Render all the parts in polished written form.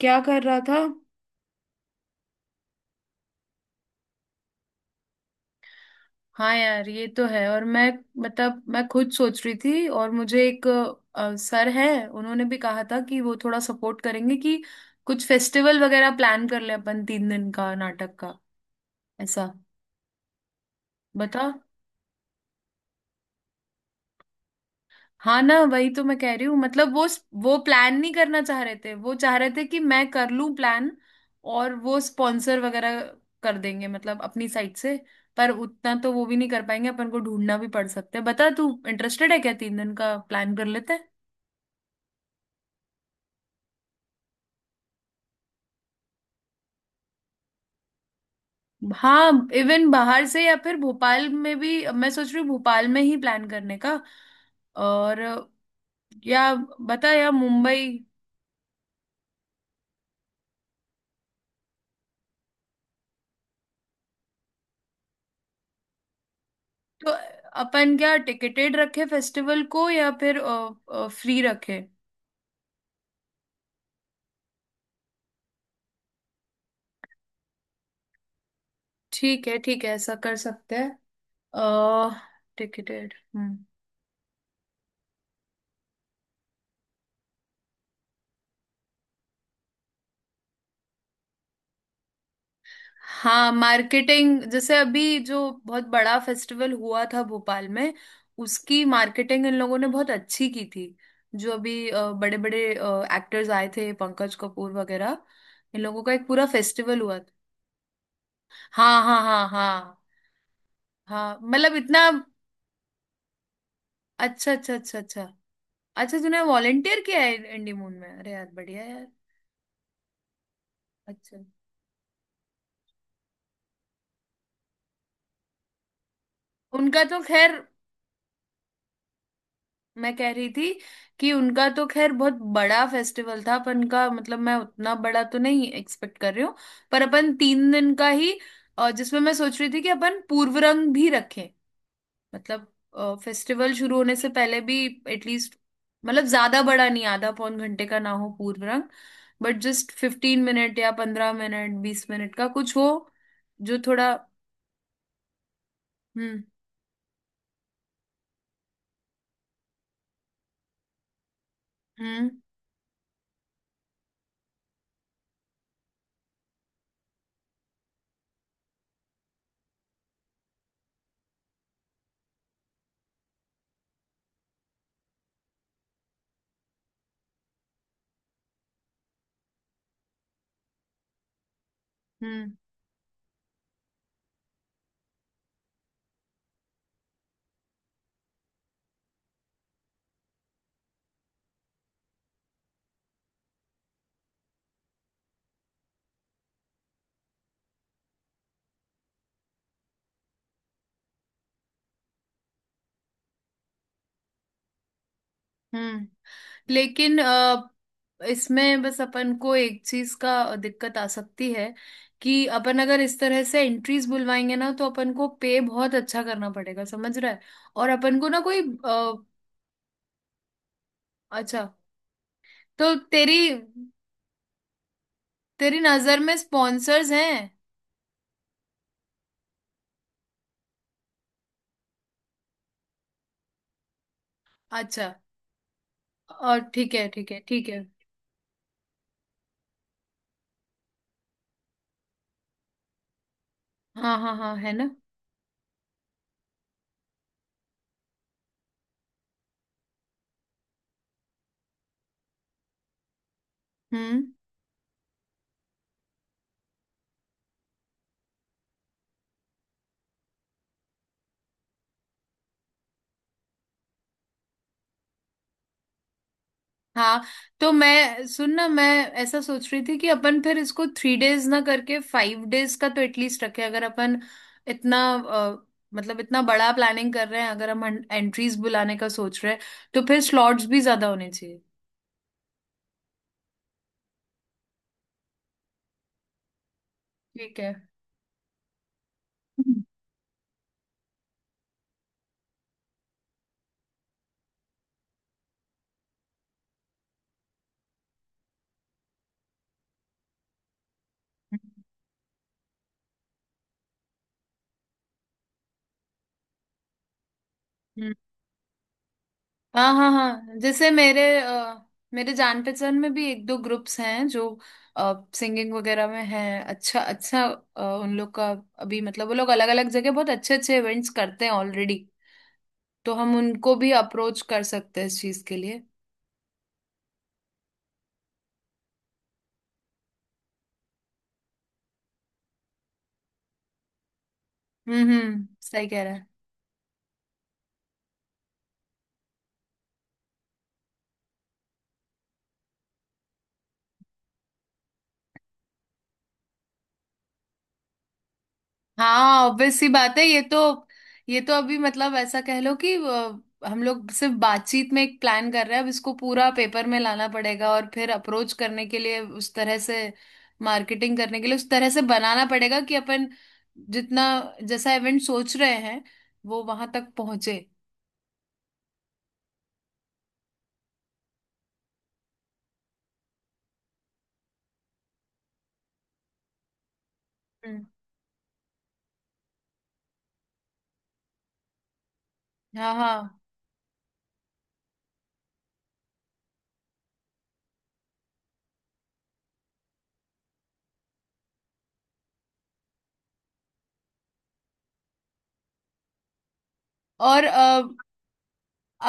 क्या कर रहा था। हाँ यार, ये तो है। और मैं, मतलब मैं खुद सोच रही थी। और मुझे एक सर है, उन्होंने भी कहा था कि वो थोड़ा सपोर्ट करेंगे कि कुछ फेस्टिवल वगैरह प्लान कर ले अपन, 3 दिन का नाटक का ऐसा। बता। हाँ ना, वही तो मैं कह रही हूँ। मतलब वो प्लान नहीं करना चाह रहे थे, वो चाह रहे थे कि मैं कर लूँ प्लान। और वो स्पॉन्सर वगैरह कर देंगे, मतलब अपनी साइड से। पर उतना तो वो भी नहीं कर पाएंगे, अपन को ढूंढना भी पड़ सकता है। बता, तू इंटरेस्टेड है क्या? 3 दिन का प्लान कर लेते हैं। हाँ, इवन बाहर से या फिर भोपाल में भी मैं सोच रही हूँ, भोपाल में ही प्लान करने का। और, या, बता, या मुंबई। तो अपन क्या टिकेटेड रखे फेस्टिवल को या फिर फ्री रखे? ठीक है, ठीक है, ऐसा कर सकते हैं। अह टिकटेड। हम्म। हाँ, मार्केटिंग जैसे अभी जो बहुत बड़ा फेस्टिवल हुआ था भोपाल में, उसकी मार्केटिंग इन लोगों ने बहुत अच्छी की थी। जो अभी बड़े बड़े एक्टर्स आए थे, पंकज कपूर वगैरह, इन लोगों का एक पूरा फेस्टिवल हुआ था। हाँ हाँ हाँ हाँ। हाँ, मतलब इतना। अच्छा अच्छा अच्छा अच्छा। अच्छा, तूने वॉलेंटियर किया है इंडी मून में? अरे यार, बढ़िया यार। अच्छा, उनका तो खैर, मैं कह रही थी कि उनका तो खैर बहुत बड़ा फेस्टिवल था। अपन का, मतलब मैं उतना बड़ा तो नहीं एक्सपेक्ट कर रही हूँ। पर अपन 3 दिन का ही जिसमें मैं सोच रही थी कि अपन पूर्व रंग भी रखें। मतलब फेस्टिवल शुरू होने से पहले भी, एटलीस्ट, मतलब ज्यादा बड़ा नहीं, आधा पौन घंटे का ना हो पूर्व रंग। बट जस्ट 15 मिनट या 15 मिनट, 20 मिनट का कुछ हो। जो थोड़ा। हम्म, हम्म, हम्म, हम्म। लेकिन इसमें बस अपन को एक चीज का दिक्कत आ सकती है। कि अपन अगर इस तरह से एंट्रीज बुलवाएंगे ना, तो अपन को पे बहुत अच्छा करना पड़ेगा, समझ रहा है। और अपन को ना कोई अच्छा। तो तेरी तेरी नजर में स्पॉन्सर्स हैं? अच्छा, और ठीक है, ठीक है, ठीक है। हाँ हाँ हाँ, है ना। हम्म। हाँ, तो मैं सुन ना, मैं ऐसा सोच रही थी कि अपन फिर इसको 3 डेज ना करके 5 डेज का तो एटलीस्ट रखें। अगर अपन इतना मतलब इतना बड़ा प्लानिंग कर रहे हैं, अगर हम एंट्रीज बुलाने का सोच रहे हैं, तो फिर स्लॉट्स भी ज्यादा होने चाहिए। ठीक है। हम्म। हम्म। हाँ हाँ हाँ, जैसे मेरे मेरे जान पहचान में भी एक दो ग्रुप्स हैं जो सिंगिंग वगैरह में हैं। अच्छा, अच्छा। उन लोग का अभी, मतलब वो लोग अलग अलग जगह बहुत अच्छे अच्छे इवेंट्स करते हैं ऑलरेडी। तो हम उनको भी अप्रोच कर सकते हैं इस चीज के लिए। हम्म, हम्म, सही कह रहा है। हाँ, ऑब्वियस सी बात है ये तो। ये तो अभी, मतलब ऐसा कह लो कि हम लोग सिर्फ बातचीत में एक प्लान कर रहे हैं। अब इसको पूरा पेपर में लाना पड़ेगा और फिर अप्रोच करने के लिए उस तरह से, मार्केटिंग करने के लिए उस तरह से बनाना पड़ेगा कि अपन जितना, जैसा इवेंट सोच रहे हैं, वो वहां तक पहुंचे। हम्म। हाँ, हाँ। और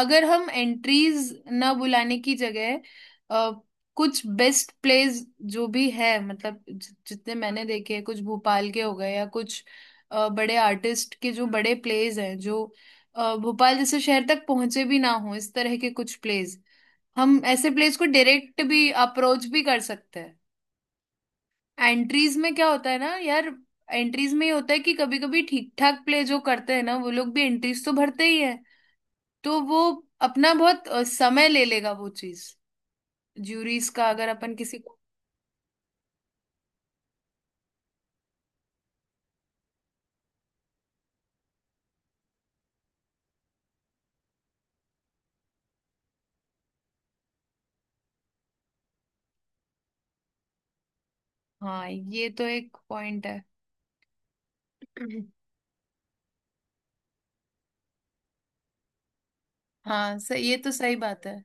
अगर हम एंट्रीज ना बुलाने की जगह अ, कुछ बेस्ट प्लेस, जो भी है, मतलब जितने मैंने देखे हैं, कुछ भोपाल के हो गए या कुछ बड़े आर्टिस्ट के जो बड़े प्लेस हैं, जो भोपाल जैसे शहर तक पहुंचे भी ना हो, इस तरह के कुछ प्लेस, हम ऐसे प्लेस को डायरेक्ट भी अप्रोच भी कर सकते हैं। एंट्रीज में क्या होता है ना यार, एंट्रीज में ये होता है कि कभी कभी ठीक ठाक प्ले जो करते हैं ना, वो लोग भी एंट्रीज तो भरते ही है। तो वो अपना बहुत समय ले लेगा वो चीज। ज्यूरीज का अगर अपन किसी को। हाँ, ये तो एक पॉइंट है। हाँ, ये तो सही बात है।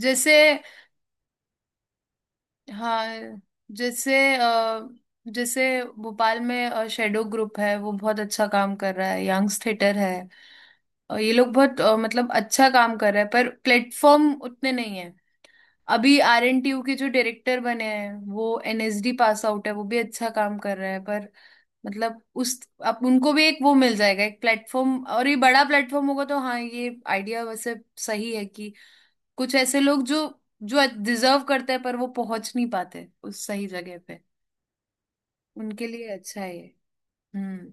जैसे, हाँ, जैसे जैसे भोपाल में शेडो ग्रुप है, वो बहुत अच्छा काम कर रहा है। यंग्स थिएटर है, और ये लोग बहुत मतलब अच्छा काम कर रहा है, पर प्लेटफॉर्म उतने नहीं है। अभी आर एन टी यू के जो डायरेक्टर बने हैं, वो N S D pass out है, वो भी अच्छा काम कर रहा है। पर मतलब उस, अब उनको भी एक वो मिल जाएगा, एक प्लेटफॉर्म, और ये बड़ा प्लेटफॉर्म होगा। तो हाँ, ये आइडिया वैसे सही है, कि कुछ ऐसे लोग जो जो डिजर्व करते हैं पर वो पहुंच नहीं पाते उस सही जगह पे, उनके लिए अच्छा है ये। हम्म।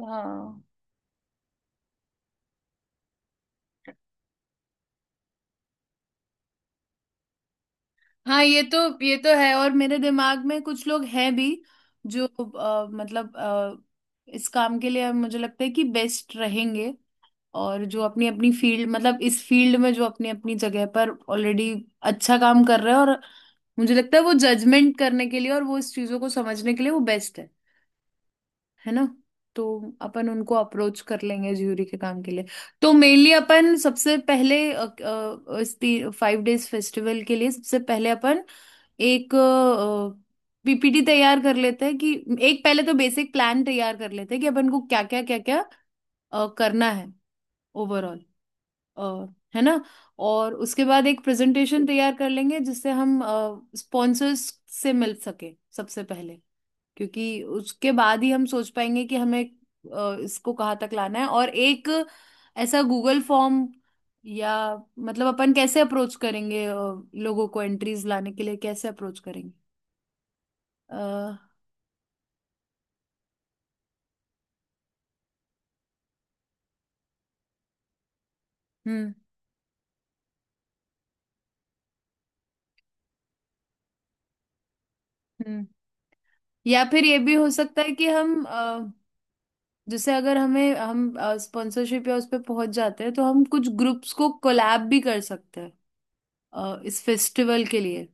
हाँ हाँ, ये तो है, और मेरे दिमाग में कुछ लोग हैं भी जो मतलब इस काम के लिए मुझे लगता है कि बेस्ट रहेंगे। और जो अपनी अपनी फील्ड, मतलब इस फील्ड में जो अपनी अपनी जगह पर ऑलरेडी अच्छा काम कर रहे हैं, और मुझे लगता है वो जजमेंट करने के लिए और वो इस चीजों को समझने के लिए वो बेस्ट है ना। तो अपन उनको अप्रोच कर लेंगे ज्यूरी के काम के लिए। तो मेनली अपन सबसे पहले इस 5 डेज फेस्टिवल के लिए सबसे पहले अपन एक पीपीटी तैयार कर लेते हैं कि, एक पहले तो बेसिक प्लान तैयार कर लेते हैं कि अपन को क्या क्या क्या क्या करना है ओवरऑल। अ, है ना। और उसके बाद एक प्रेजेंटेशन तैयार कर लेंगे जिससे हम स्पॉन्सर्स से मिल सके सबसे पहले, क्योंकि उसके बाद ही हम सोच पाएंगे कि हमें इसको कहाँ तक लाना है, और एक ऐसा गूगल फॉर्म या, मतलब अपन कैसे अप्रोच करेंगे, लोगों को एंट्रीज लाने के लिए कैसे अप्रोच करेंगे। अ, हम्म, हम्म। या फिर ये भी हो सकता है कि हम, जैसे अगर हमें हम स्पॉन्सरशिप या उस पर पहुंच जाते हैं, तो हम कुछ ग्रुप्स को कोलैब भी कर सकते हैं इस फेस्टिवल के लिए,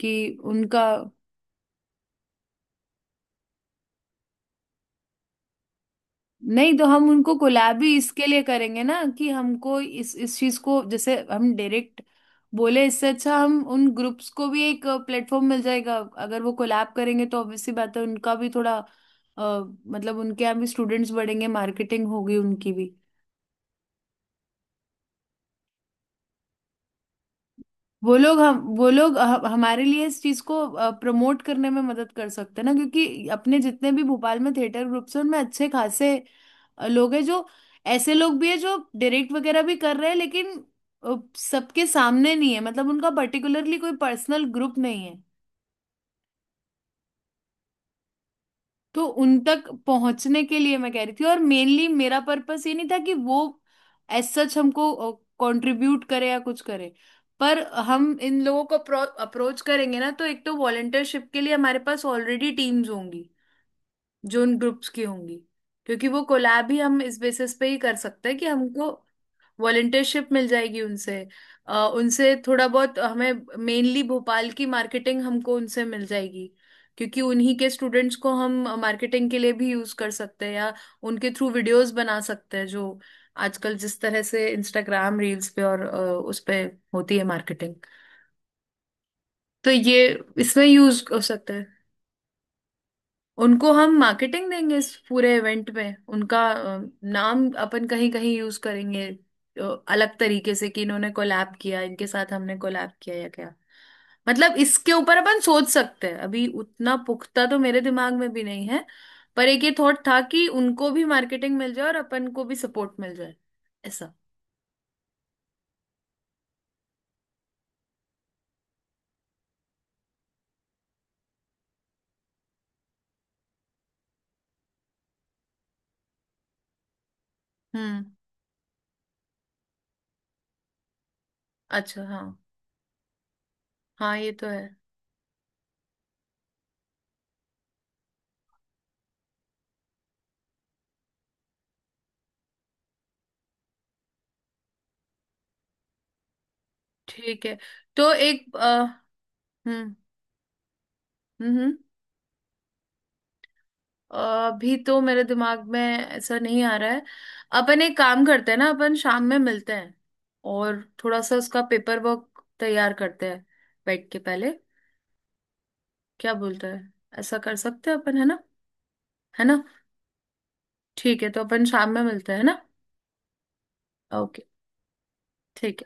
कि उनका। नहीं तो हम उनको कोलैब ही इसके लिए करेंगे ना, कि हमको इस चीज को जैसे हम डायरेक्ट बोले, इससे अच्छा हम उन ग्रुप्स को भी एक प्लेटफॉर्म मिल जाएगा। अगर वो कोलैब करेंगे तो ऑब्वियस सी बात है उनका भी थोड़ा मतलब उनके यहाँ भी स्टूडेंट्स बढ़ेंगे, मार्केटिंग होगी उनकी भी। वो लोग हमारे लिए इस चीज को प्रमोट करने में मदद कर सकते हैं ना, क्योंकि अपने जितने भी भोपाल में थिएटर ग्रुप्स हैं, उनमें अच्छे खासे लोग हैं, जो ऐसे लोग भी है जो डायरेक्ट वगैरह भी कर रहे हैं, लेकिन सबके सामने नहीं है। मतलब उनका पर्टिकुलरली कोई पर्सनल ग्रुप नहीं है। तो उन तक पहुंचने के लिए मैं कह रही थी। और मेनली मेरा पर्पस ये नहीं था कि वो एज सच हमको कंट्रीब्यूट करे या कुछ करे। पर हम इन लोगों को अप्रोच करेंगे ना, तो एक तो वॉलंटियरशिप के लिए हमारे पास ऑलरेडी टीम्स होंगी जो उन ग्रुप्स की होंगी, क्योंकि वो कोलैब ही हम इस बेसिस पे ही कर सकते हैं कि हमको वॉलंटियरशिप मिल जाएगी उनसे। उनसे थोड़ा बहुत हमें, मेनली भोपाल की मार्केटिंग हमको उनसे मिल जाएगी। क्योंकि उन्हीं के स्टूडेंट्स को हम मार्केटिंग के लिए भी यूज कर सकते हैं, या उनके थ्रू वीडियोस बना सकते हैं, जो आजकल जिस तरह से इंस्टाग्राम रील्स पे और उस पे होती है मार्केटिंग, तो ये इसमें यूज हो सकता है। उनको हम मार्केटिंग देंगे, इस पूरे इवेंट में उनका नाम अपन कहीं कहीं यूज करेंगे, अलग तरीके से, कि इन्होंने कोलैब किया, इनके साथ हमने कोलैब किया या क्या। मतलब इसके ऊपर अपन सोच सकते हैं, अभी उतना पुख्ता तो मेरे दिमाग में भी नहीं है। पर एक ये थॉट था कि उनको भी मार्केटिंग मिल जाए और अपन को भी सपोर्ट मिल जाए, ऐसा। हम्म। अच्छा, हाँ। हाँ, ये तो है। ठीक है, तो एक हम्म, हम्म, अभी तो मेरे दिमाग में ऐसा नहीं आ रहा है। अपन एक काम करते हैं ना, अपन शाम में मिलते हैं और थोड़ा सा उसका पेपर वर्क तैयार करते हैं बैठ के पहले, क्या बोलते हैं। ऐसा कर सकते हैं अपन, है ना। है ना, ठीक है, तो अपन शाम में मिलते हैं ना। ओके। ठीक।